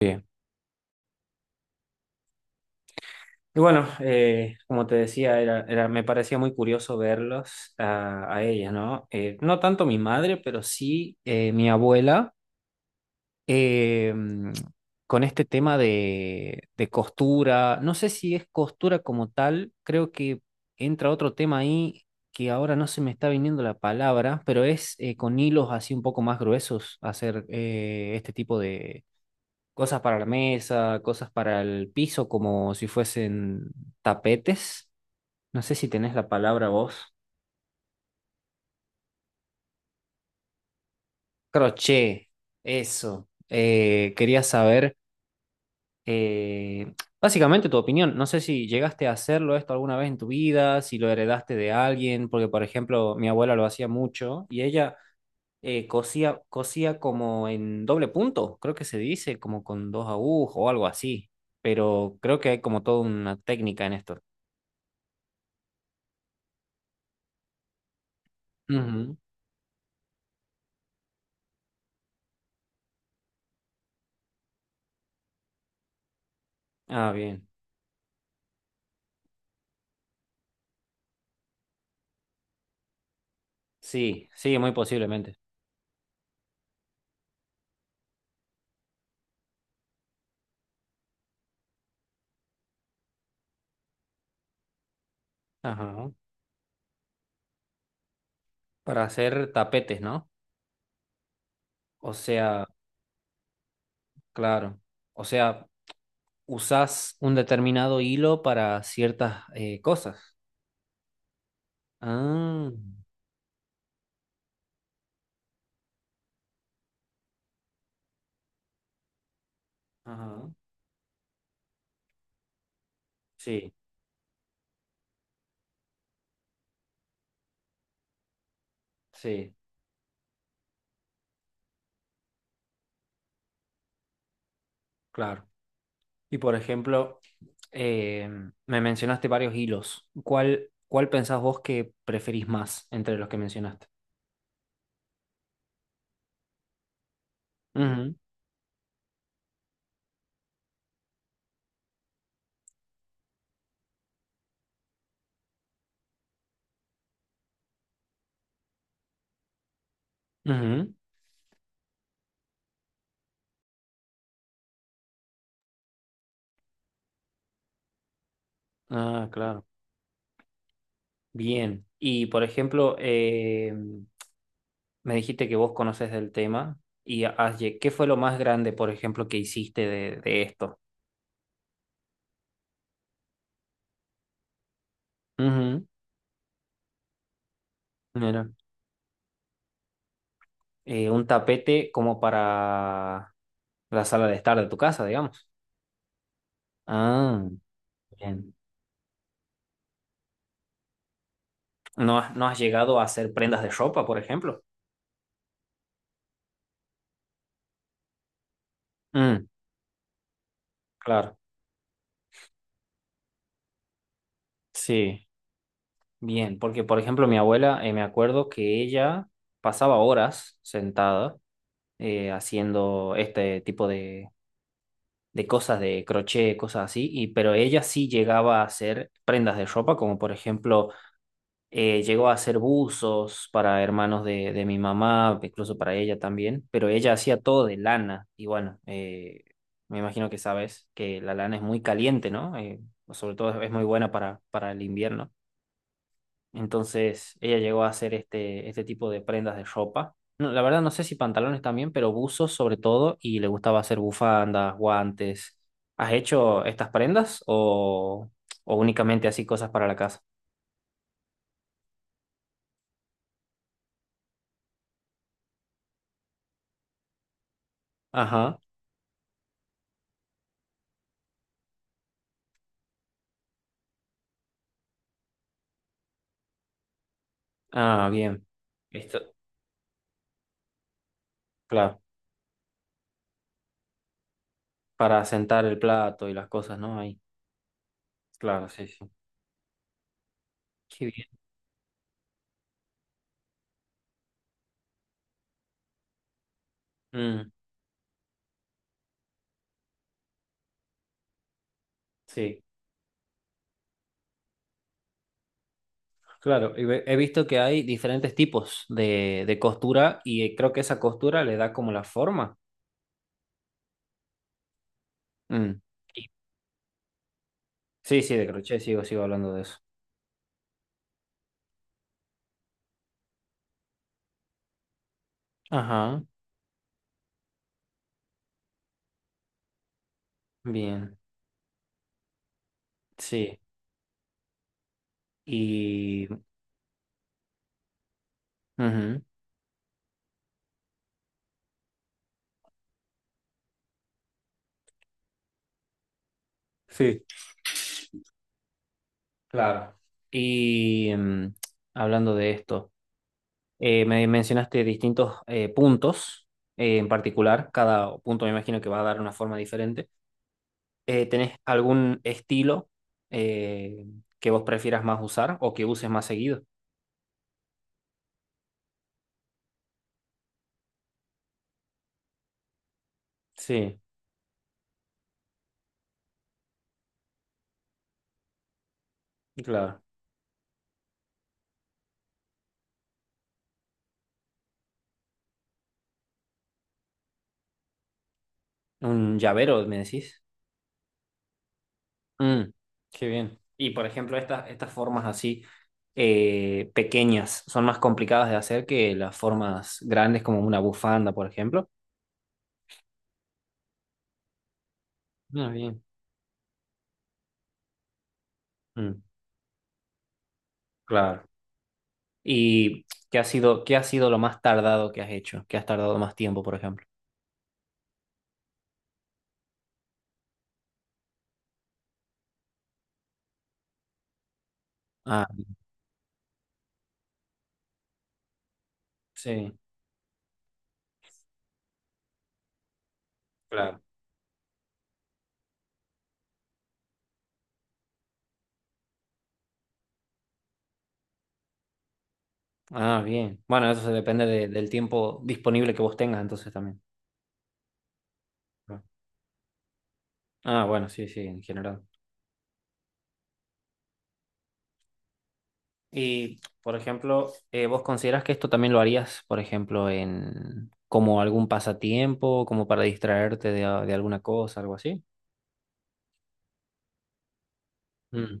Bien. Y bueno, como te decía, me parecía muy curioso verlos a ellas, ¿no? No tanto mi madre, pero sí mi abuela, eh, mm, con este tema de costura. No sé si es costura como tal, creo que entra otro tema ahí que ahora no se me está viniendo la palabra, pero es con hilos así un poco más gruesos hacer este tipo cosas para la mesa, cosas para el piso, como si fuesen tapetes. No sé si tenés la palabra vos. Crochet, eso. Quería saber eh, básicamente tu opinión. No sé si llegaste a hacerlo esto alguna vez en tu vida, si lo heredaste de alguien, porque por ejemplo mi abuela lo hacía mucho y ella cosía como en doble punto, creo que se dice, como con dos agujas o algo así. Pero creo que hay como toda una técnica en esto. Ujú. Ah, bien. Sí, sí, muy posiblemente. Ajá. Para hacer tapetes, ¿no? O sea, claro. O sea, usás un determinado hilo para ciertas cosas. Ah, ajá. Sí, sí, claro. Y por ejemplo, eh, me mencionaste varios hilos. ¿Cuál pensás vos que preferís más entre los que mencionaste? Ujú, ujú. Ah, claro. Bien. Y por ejemplo, me dijiste que vos conoces del tema y ¿qué fue lo más grande, por ejemplo, que hiciste de esto? Ujú, mira. Un tapete como para la sala de estar de tu casa, digamos. Ah, bien. ¿No has llegado a hacer prendas de ropa, por ejemplo? Mm, claro, sí, bien, porque por ejemplo mi abuela, me acuerdo que ella pasaba horas sentada haciendo este tipo de cosas de crochet, cosas así, y, pero ella sí llegaba a hacer prendas de ropa, como por ejemplo, llegó a hacer buzos para hermanos de mi mamá, incluso para ella también, pero ella hacía todo de lana, y bueno, me imagino que sabes que la lana es muy caliente, ¿no? Sobre todo es muy buena para el invierno. Entonces ella llegó a hacer este tipo de prendas de ropa. No, la verdad no sé si pantalones también, pero buzos sobre todo, y le gustaba hacer bufandas, guantes. ¿Has hecho estas prendas o únicamente así cosas para la casa? Ajá. Ah, bien. Esto, claro, para sentar el plato y las cosas, ¿no? Ahí. Claro, sí, sí. Qué bien. Mm, sí, claro. Y he visto que hay diferentes tipos de costura y creo que esa costura le da como la forma. Mm. Sí, sí, de crochet sigo hablando de eso. Ajá, bien, sí. Y... ujú, sí, claro. Y mm, hablando de esto, me mencionaste distintos puntos en particular. Cada punto me imagino que va a dar una forma diferente. ¿Tenés algún estilo eh, que vos prefieras más usar o que uses más seguido? Sí, claro. ¿Un llavero, me decís? Mm, qué bien. Y por ejemplo, estas formas así pequeñas son más complicadas de hacer que las formas grandes como una bufanda, por ejemplo. Ah, bien. Mm, claro. ¿Qué ha sido lo más tardado que has hecho? ¿Qué has tardado más tiempo, por ejemplo? Ah, sí, claro. Ah, bien. Bueno, eso se del tiempo disponible que vos tengas entonces también. Ah, bueno, sí, sí, en general. Y, por ejemplo, ¿vos consideras que esto también lo harías, por ejemplo, en como algún pasatiempo, como para distraerte de alguna cosa, algo así? Mm,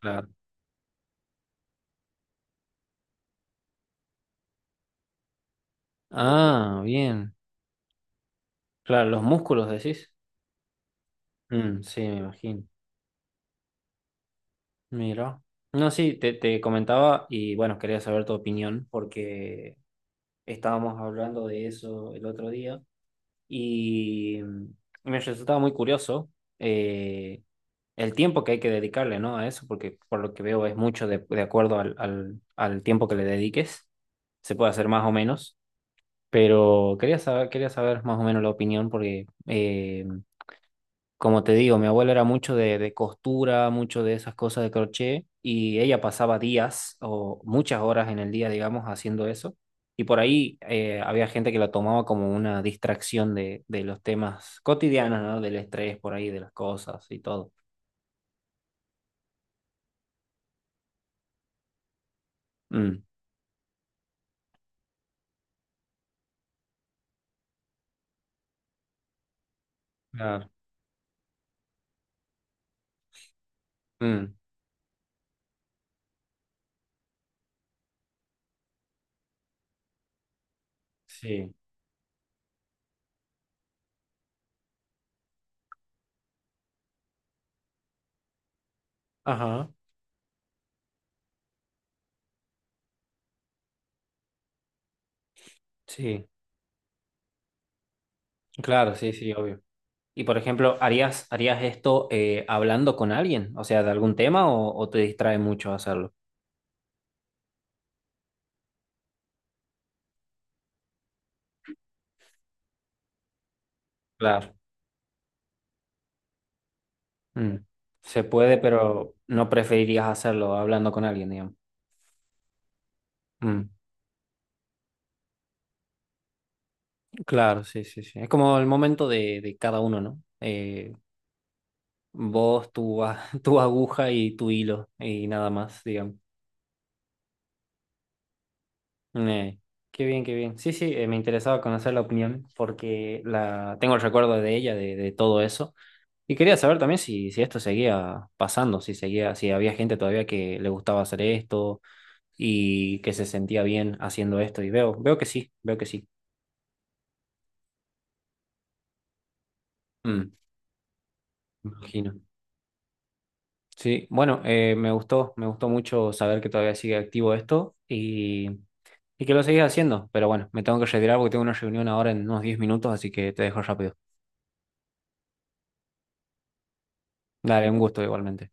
claro. Ah, bien. Claro, los músculos decís. Mm, sí, me imagino. Mira. No, sí, te comentaba y bueno, quería saber tu opinión porque estábamos hablando de eso el otro día y mm, me resultaba muy curioso. Eh, el tiempo que hay que dedicarle, ¿no? A eso, porque por lo que veo es mucho de acuerdo al tiempo que le dediques. Se puede hacer más o menos, pero quería saber más o menos la opinión porque, como te digo, mi abuela era mucho de costura, mucho de esas cosas de crochet y ella pasaba días o muchas horas en el día, digamos, haciendo eso. Y por ahí había gente que la tomaba como una distracción de los temas cotidianos, ¿no? Del estrés por ahí, de las cosas y todo. Mm. Ah, mm, sí, ajá, sí, claro, sí, sí, obvio. Y por ejemplo, ¿harías esto hablando con alguien? O sea, de algún tema o te distrae mucho hacerlo? Claro. Mm, se puede, pero no preferirías hacerlo hablando con alguien, digamos. Mm, claro, sí, sí, sí. Es como el momento de cada uno, ¿no? Vos, tu, a- tu aguja y tu hilo y nada más, digamos. Eh, qué bien, qué bien. Sí, sí, me interesaba conocer la opinión porque la tengo el recuerdo de ella, de todo eso. Y quería saber también si esto seguía pasando, si seguía, si había gente todavía que le gustaba hacer esto y que se sentía bien haciendo esto. Y veo que sí, veo que sí. Mm, me imagino. Sí, bueno, me gustó mucho saber que todavía sigue activo esto y que lo seguís haciendo. Pero bueno, me tengo que retirar porque tengo una reunión ahora en unos 10 minutos, así que te dejo rápido. Dale, un gusto igualmente.